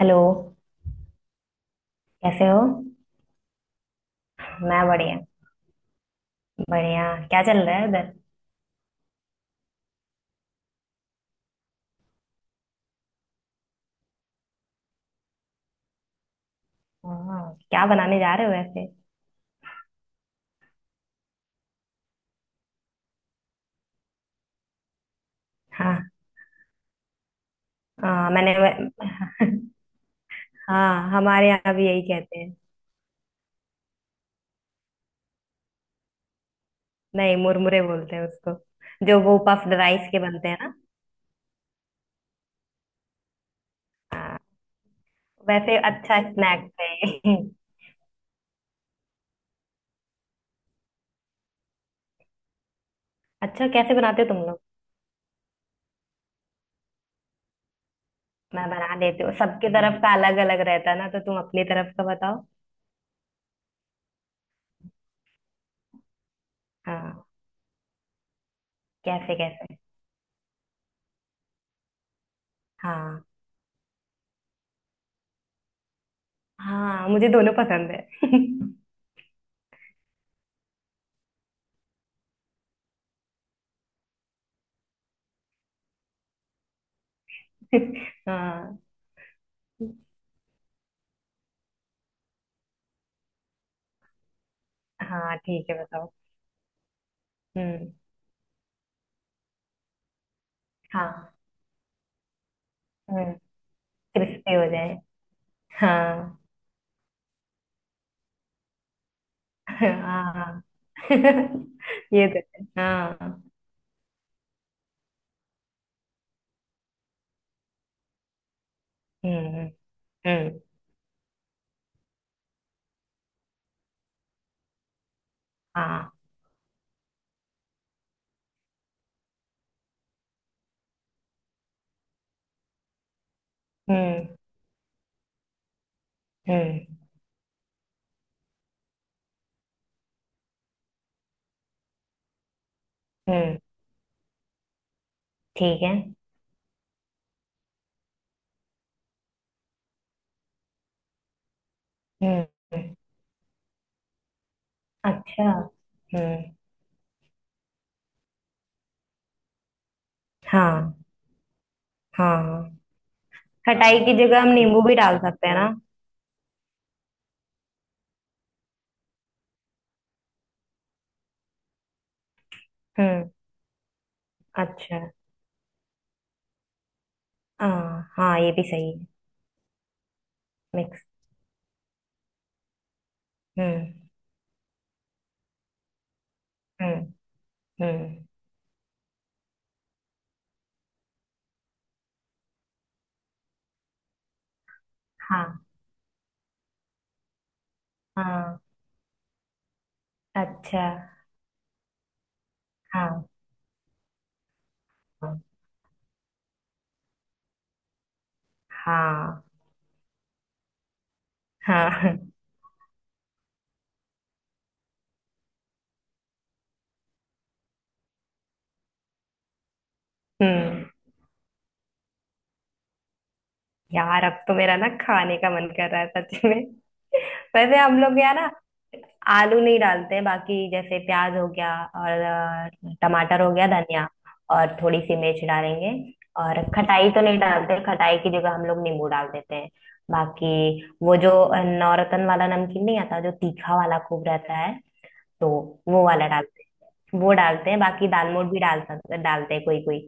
Hello. कैसे हो। मैं बढ़िया। बढ़िया, क्या चल रहा है उधर। हाँ, क्या बनाने जा रहे हो वैसे। हाँ हाँ, मैंने हाँ, हमारे यहाँ भी यही कहते हैं। नहीं, मुरमुरे बोलते हैं उसको। जो वो पफ्ड राइस के बनते हैं ना। वैसे अच्छा स्नैक्स है। अच्छा, कैसे बनाते हो तुम लोग। मैं बना देती हूँ, सबके तरफ का अलग अलग रहता है ना, तो तुम अपनी तरफ का बताओ। हाँ। कैसे कैसे। हाँ हाँ, मुझे दोनों पसंद है। हाँ। हाँ, ठीक है बताओ। हम्म। हाँ। हम्म। क्रिस्पी हो जाए। हाँ। हाँ। ये तो है हाँ। हम्म। हम्म। हाँ। हम्म। हम्म। हम्म। ठीक है। हम्म। हम्म। अच्छा। हम्म। हाँ। हाँ, खटाई की जगह हम नींबू भी डाल सकते हैं ना। हम्म। अच्छा। हाँ हाँ, ये भी सही है। मिक्स। हम्म। हम्म। हम्म। हाँ। हाँ। अच्छा। हाँ। हाँ। हाँ। हाँ। हम्म। यार, अब तो मेरा ना खाने का मन कर रहा है सच में। वैसे हम लोग यहाँ ना आलू नहीं डालते, बाकी जैसे प्याज हो गया, और टमाटर हो गया, धनिया, और थोड़ी सी मिर्च डालेंगे। और खटाई तो नहीं डालते, खटाई की जगह हम लोग नींबू डाल देते हैं। बाकी वो जो नौरतन वाला नमकीन नहीं आता, जो तीखा वाला खूब रहता है, तो वो वाला डाल वो डालते हैं। बाकी दाल मोठ भी डालते हैं कोई कोई।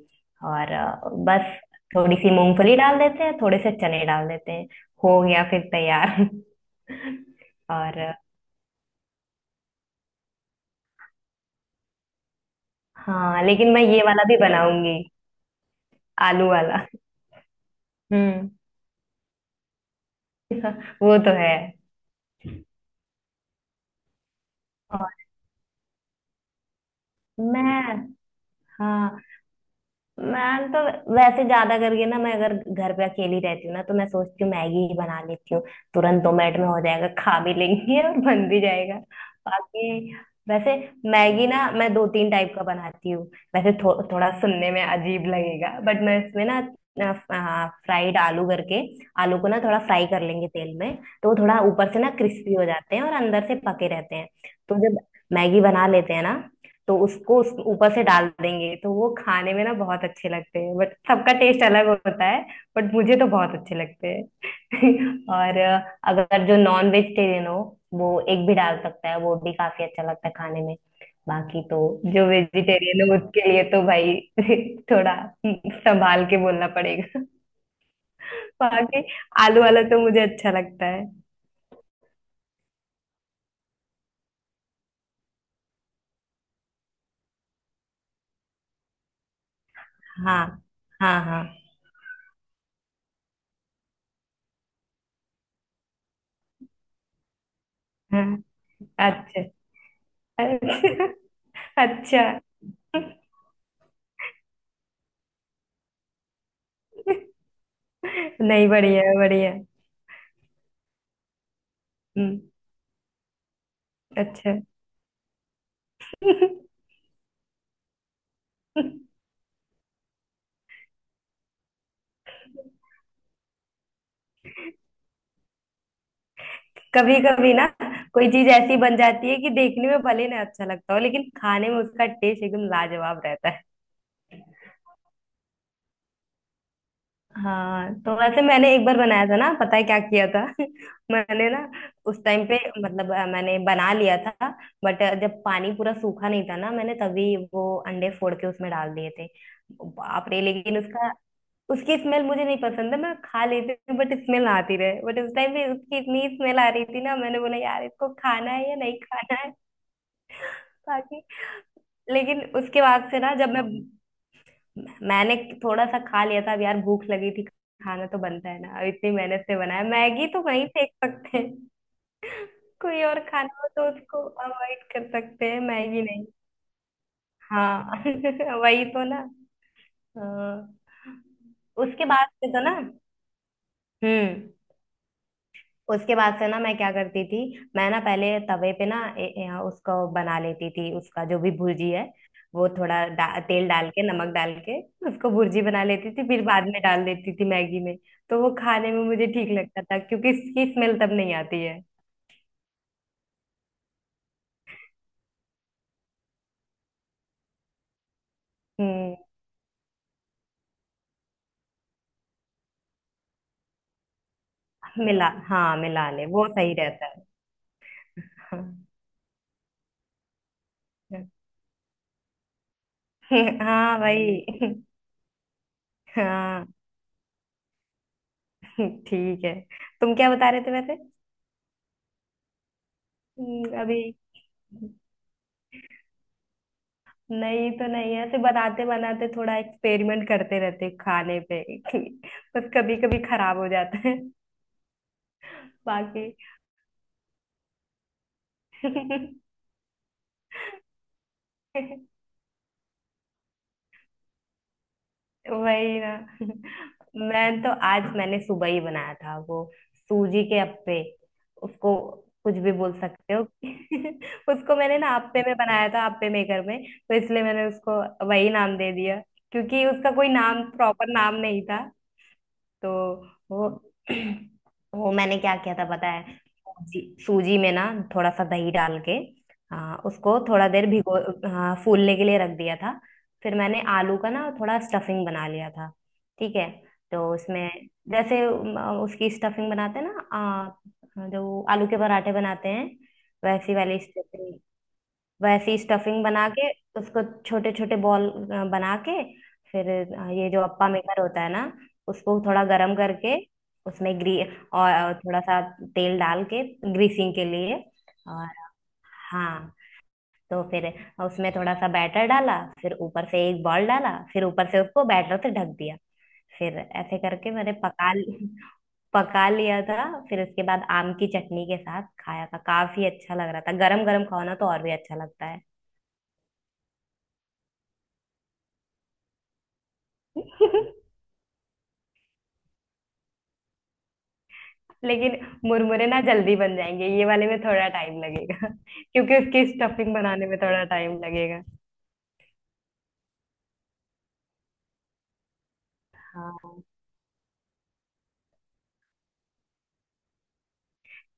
और बस थोड़ी सी मूंगफली डाल देते हैं, थोड़े से चने डाल देते हैं, हो गया फिर तैयार। और हाँ, लेकिन मैं ये वाला भी बनाऊंगी, आलू वाला। हम्म। वो तो है। और मैं। हाँ। मैं तो वैसे ज्यादा करके ना मैं, अगर घर पे अकेली रहती हूँ ना, तो मैं सोचती हूँ मैगी ही बना लेती हूँ। तुरंत 2 मिनट में हो जाएगा, खा भी लेंगे और बन भी जाएगा। बाकी वैसे, मैगी ना मैं दो तीन टाइप का बनाती हूँ। वैसे थोड़ा सुनने में अजीब लगेगा, बट मैं इसमें ना फ्राइड आलू करके, आलू को ना थोड़ा फ्राई कर लेंगे तेल में, तो वो थोड़ा ऊपर से ना क्रिस्पी हो जाते हैं और अंदर से पके रहते हैं। तो जब मैगी बना लेते हैं ना, तो उसको उस ऊपर से डाल देंगे, तो वो खाने में ना बहुत अच्छे लगते हैं, बट सबका टेस्ट अलग होता है। बट मुझे तो बहुत अच्छे लगते हैं। और अगर जो नॉन वेजिटेरियन हो, वो एक भी डाल सकता है, वो भी काफी अच्छा लगता है खाने में। बाकी तो जो वेजिटेरियन है, उसके लिए तो भाई थोड़ा संभाल के बोलना पड़ेगा। बाकी आलू वाला तो मुझे अच्छा लगता है। हाँ हाँ हाँ हाँ। अच्छा अच्छा। अच्छा। नहीं, बढ़िया है, बढ़िया है। हम्म। अच्छा। कभी कभी ना कोई चीज ऐसी बन जाती है कि देखने में भले ना अच्छा लगता हो, लेकिन खाने में उसका टेस्ट एकदम लाजवाब रहता है। हाँ, तो वैसे मैंने एक बार बनाया था ना, पता है क्या किया था। मैंने ना उस टाइम पे, मतलब अ, मैंने बना लिया था, बट जब पानी पूरा सूखा नहीं था ना, मैंने तभी वो अंडे फोड़ के उसमें डाल दिए थे। बाप रे, लेकिन उसका उसकी स्मेल मुझे नहीं पसंद है। मैं खा लेती हूँ बट, स्मेल आती रहे, बट उस टाइम पे उसकी इतनी स्मेल आ रही थी ना, मैंने बोला यार, इसको खाना है या नहीं खाना है। बाकी लेकिन उसके बाद से ना, जब मैंने थोड़ा सा खा लिया था, अब यार भूख लगी थी। खाना तो बनता है ना, अब इतनी मेहनत से बनाया मैगी तो वहीं फेंक सकते हैं। कोई और खाना हो तो उसको अवॉइड कर सकते हैं, मैगी नहीं। हाँ, वही तो ना। हाँ। उसके बाद से तो ना। हम्म। उसके बाद से ना मैं क्या करती थी, मैं ना पहले तवे पे ना ए, ए, उसको बना लेती थी, उसका जो भी भुर्जी है, वो थोड़ा तेल डाल के नमक डाल के उसको भुर्जी बना लेती थी, फिर बाद में डाल देती थी मैगी में। तो वो खाने में मुझे ठीक लगता था, क्योंकि इसकी स्मेल तब नहीं आती है। हम्म। मिला, हाँ, मिला ले, वो सही रहता है। हाँ भाई। हाँ ठीक है, तुम क्या बता रहे थे वैसे। अभी नहीं तो नहीं है, ऐसे बनाते बनाते थोड़ा एक्सपेरिमेंट करते रहते हैं खाने पे, कि बस कभी कभी खराब हो जाता है। बाकी वही ना। मैं तो आज मैंने सुबह ही बनाया था वो, सूजी के अप्पे। उसको कुछ भी बोल सकते हो। उसको मैंने ना अप्पे में बनाया था, अप्पे मेकर में, तो इसलिए मैंने उसको वही नाम दे दिया, क्योंकि उसका कोई नाम प्रॉपर नाम नहीं था। तो वो वो मैंने क्या किया था पता है। सूजी में ना थोड़ा सा दही डाल के उसको थोड़ा देर भिगो, फूलने के लिए रख दिया था। फिर मैंने आलू का ना थोड़ा स्टफिंग बना लिया था, ठीक है। तो उसमें, जैसे उसकी स्टफिंग बनाते हैं ना, जो आलू के पराठे बनाते हैं, वैसी वाली स्टफिंग, वैसी स्टफिंग बना के उसको छोटे छोटे बॉल बना के, फिर ये जो अप्पा मेकर होता है ना, उसको थोड़ा गरम करके उसमें ग्री और थोड़ा सा तेल डाल के, ग्रीसिंग के लिए। और हाँ, तो फिर उसमें थोड़ा सा बैटर डाला, फिर ऊपर से एक बॉल डाला, फिर ऊपर से उसको बैटर से ढक दिया। फिर ऐसे करके मैंने पका लिया था, फिर उसके बाद आम की चटनी के साथ खाया था, काफी अच्छा लग रहा था, गरम गरम खाओ ना तो और भी अच्छा लगता है। लेकिन मुरमुरे ना जल्दी बन जाएंगे, ये वाले में थोड़ा टाइम लगेगा। क्योंकि उसकी स्टफिंग बनाने में थोड़ा टाइम लगेगा। हाँ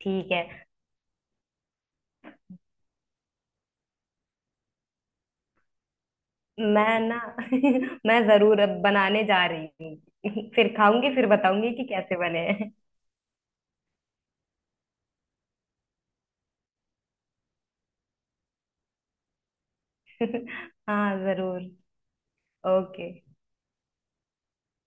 ठीक है। मैं ना मैं जरूर अब बनाने जा रही हूँ। फिर खाऊंगी फिर बताऊंगी कि कैसे बने हैं। हाँ जरूर। ओके।